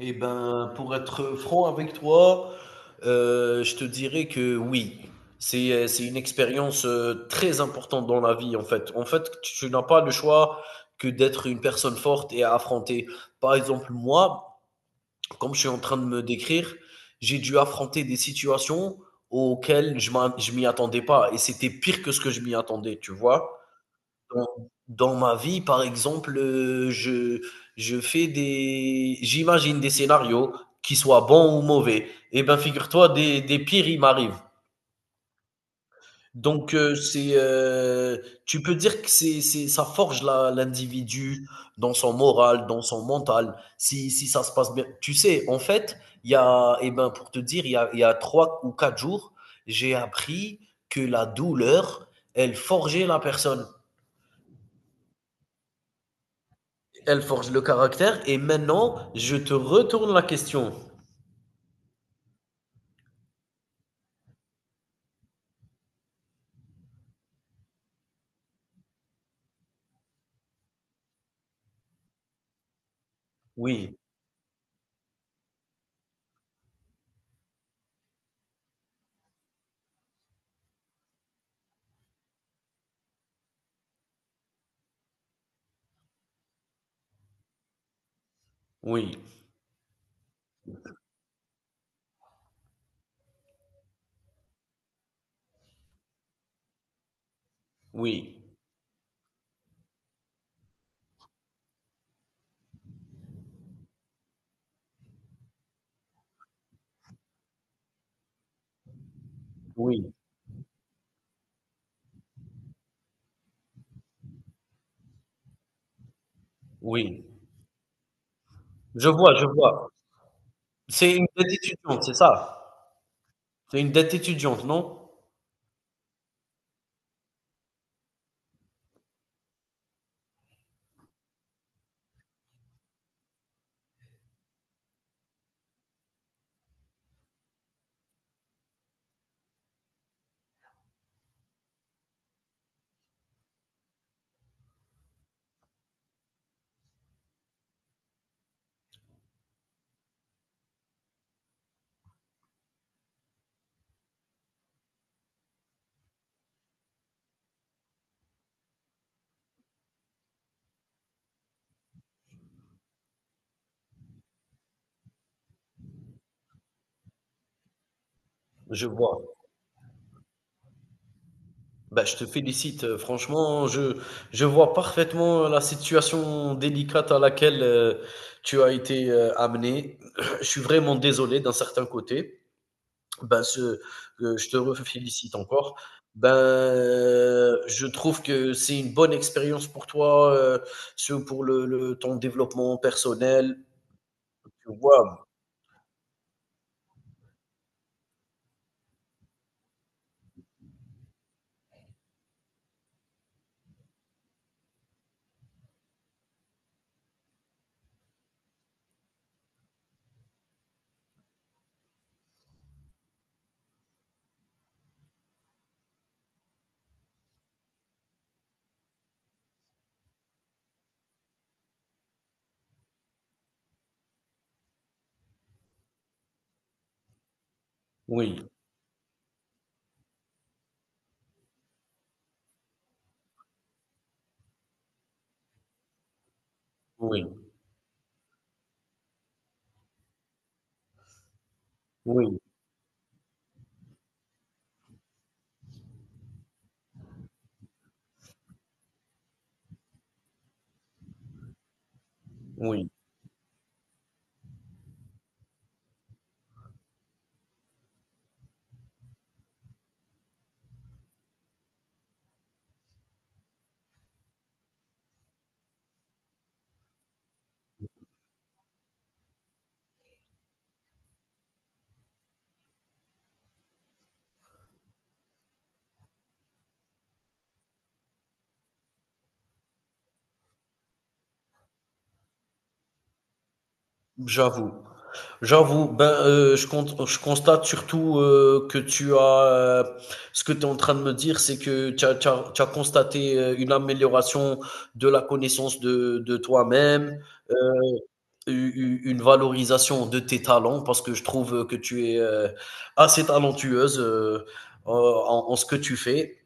Eh ben, pour être franc avec toi, je te dirais que oui, c'est une expérience très importante dans la vie en fait. En fait, tu n'as pas le choix que d'être une personne forte et à affronter. Par exemple, moi, comme je suis en train de me décrire, j'ai dû affronter des situations auxquelles je m'y attendais pas et c'était pire que ce que je m'y attendais, tu vois. Dans dans ma vie, par exemple, je fais des j'imagine des scénarios, qui soient bons ou mauvais. Eh ben, figure-toi, des pires, ils m'arrivent. Donc, tu peux dire que c'est ça forge la l'individu dans son moral, dans son mental, si ça se passe bien. Tu sais, en fait, il y a eh ben, pour te dire, il y a 3 ou 4 jours, j'ai appris que la douleur, elle forgeait la personne. Elle forge le caractère. Et maintenant, je te retourne la question. Oui, oui, oui, oui, oui. Je vois, je vois. C'est une dette étudiante, c'est ça? C'est une dette étudiante, non? Je vois. Bah, je te félicite. Franchement, je vois parfaitement la situation délicate à laquelle tu as été amené. Je suis vraiment désolé d'un certain côté. Ben, ce je te refélicite encore. Ben, je trouve que c'est une bonne expérience pour toi, ce pour le ton développement personnel, tu vois? Oui, oui, oui, oui, j'avoue. J'avoue, ben, je constate surtout, que ce que tu es en train de me dire, c'est que tu as constaté, une amélioration de la connaissance de toi-même, euh, une valorisation de tes talents parce que je trouve que tu es assez talentueuse en ce que tu fais.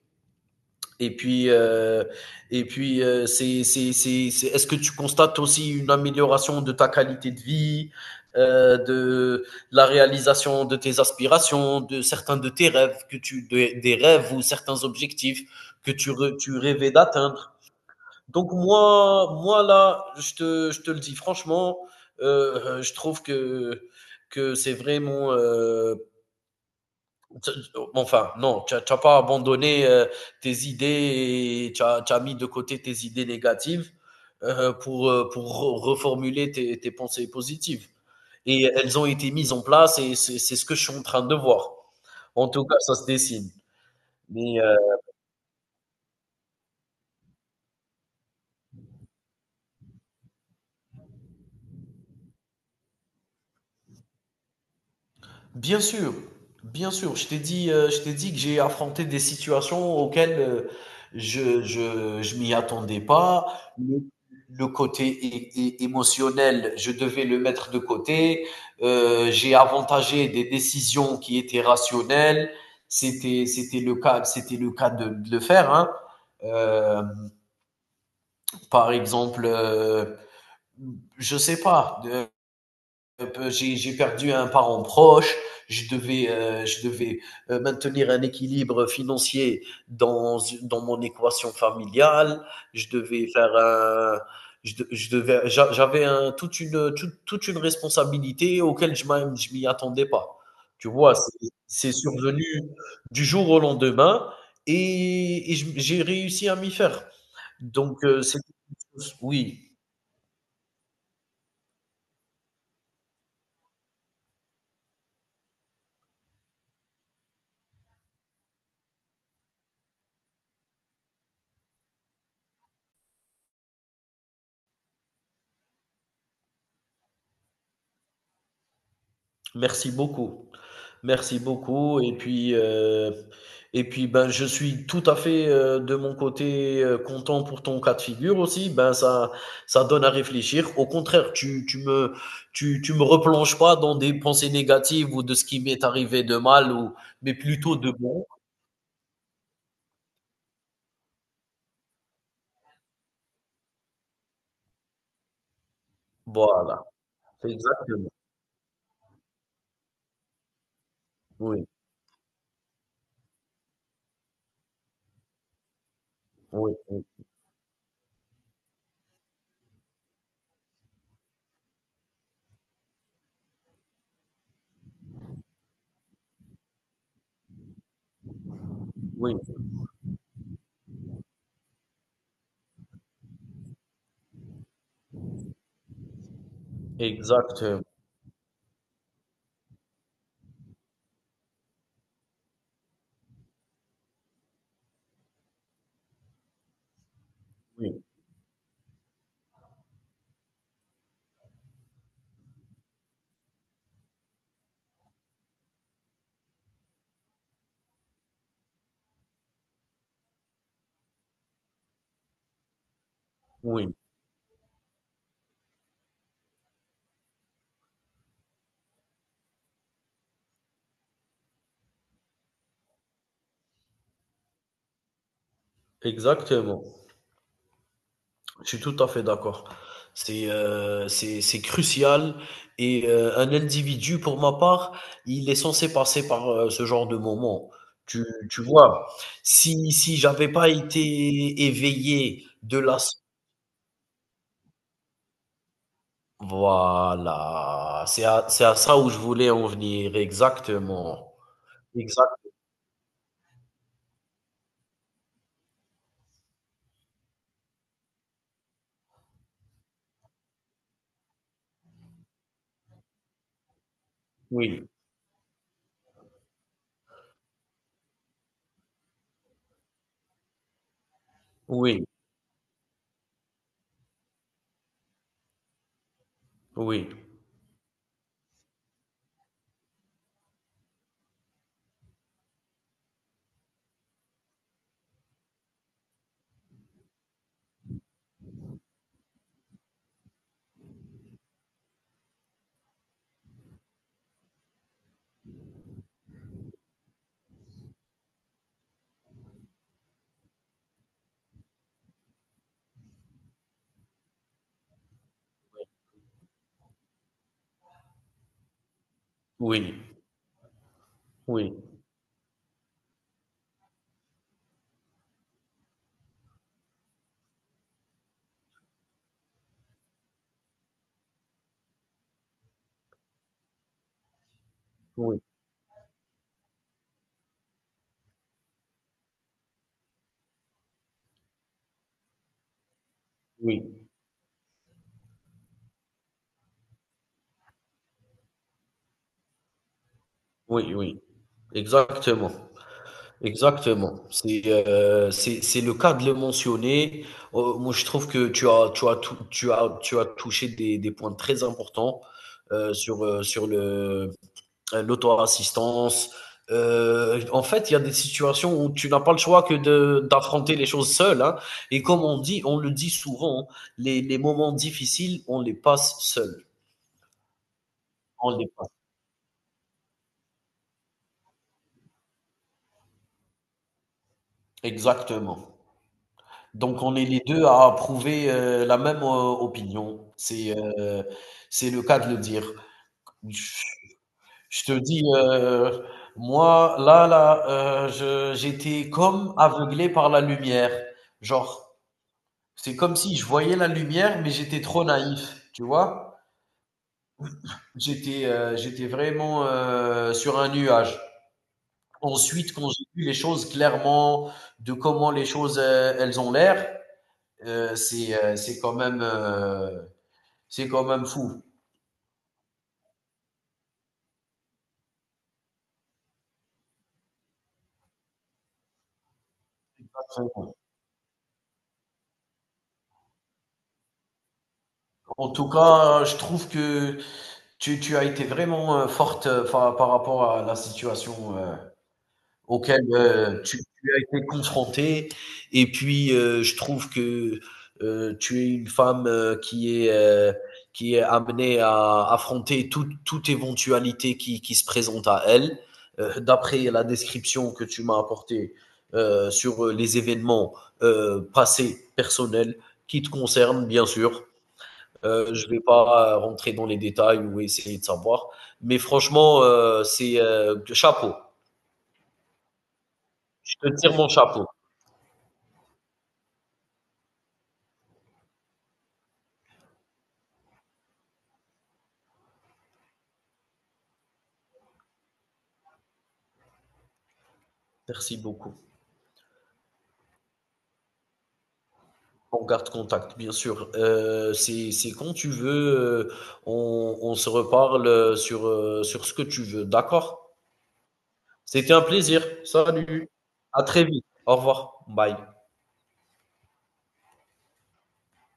Et puis, euh, et puis, est-ce que tu constates aussi une amélioration de ta qualité de vie, de la réalisation de tes aspirations, de certains de tes rêves, des rêves ou certains objectifs tu rêvais d'atteindre? Donc moi là, je te le dis franchement, je trouve que c'est vraiment, t- enfin, non, tu n'as pas abandonné tes idées et tu as mis de côté tes idées négatives, pour reformuler tes pensées positives. Et elles ont été mises en place et c'est ce que je suis en train de voir. En tout cas, ça se dessine. Mais euh, Bien sûr, bien sûr. Je t'ai dit que j'ai affronté des situations auxquelles je m'y attendais pas. Le côté émotionnel, je devais le mettre de côté. J'ai avantagé des décisions qui étaient rationnelles. C'était le cas de le faire, hein. Euh, par exemple, je sais pas. J'ai perdu un parent proche, je devais maintenir un équilibre financier dans mon équation familiale, je devais faire un je de je devais j'a j'avais un toute une, toute toute une responsabilité auquel je m'y attendais pas. Tu vois? C'est survenu du jour au lendemain et je j'ai réussi à m'y faire. Donc c'est oui. Merci beaucoup. Merci beaucoup et puis, ben, je suis tout à fait, de mon côté, content pour ton cas de figure aussi. Ben, ça donne à réfléchir. Au contraire, tu me replonges pas dans des pensées négatives ou de ce qui m'est arrivé de mal, ou mais plutôt de bon. Voilà, exactement. Oui, oui, oui, oui, exactement. Oui, oui, exactement. Je suis tout à fait d'accord. C'est crucial et un individu, pour ma part, il est censé passer par ce genre de moment. Tu vois, si j'avais pas été éveillé de la. Voilà, c'est à, ça où je voulais en venir, exactement. Exact, oui, oui, oui, oui, oui, oui, oui, oui, oui, oui. Exactement. Exactement. C'est le cas de le mentionner. Moi, je trouve que tu as touché des points très importants sur sur le l'auto-assistance. En fait, il y a des situations où tu n'as pas le choix que de d'affronter les choses seul, hein. Et comme on dit, on le dit souvent, les moments difficiles, on les passe seul. On les passe. Exactement. Donc on est les 2 à approuver, la même, opinion. C'est le cas de le dire. Je je te dis, moi là, je j'étais comme aveuglé par la lumière. Genre, c'est comme si je voyais la lumière, mais j'étais trop naïf, tu vois? J'étais vraiment, sur un nuage. Ensuite, quand j'ai vu les choses clairement, de comment les choses, elles ont l'air, heu, c'est, heu, c'est quand même, heu c'est quand même fou. En tout cas, je trouve que tu as été vraiment forte par rapport à la situation auquel tu as été confrontée. Et puis, je trouve que tu es une femme qui est amenée à affronter toute éventualité qui se présente à elle. D'après la description que tu m'as apportée sur les événements passés personnels qui te concernent, bien sûr. Je ne vais pas rentrer dans les détails ou essayer de savoir. Mais franchement, c'est chapeau. Je te tire mon chapeau. Merci beaucoup. On garde contact, bien sûr. C'est quand tu veux, on se reparle sur ce que tu veux. D'accord. C'était un plaisir. Salut. À très vite. Au revoir. Bye.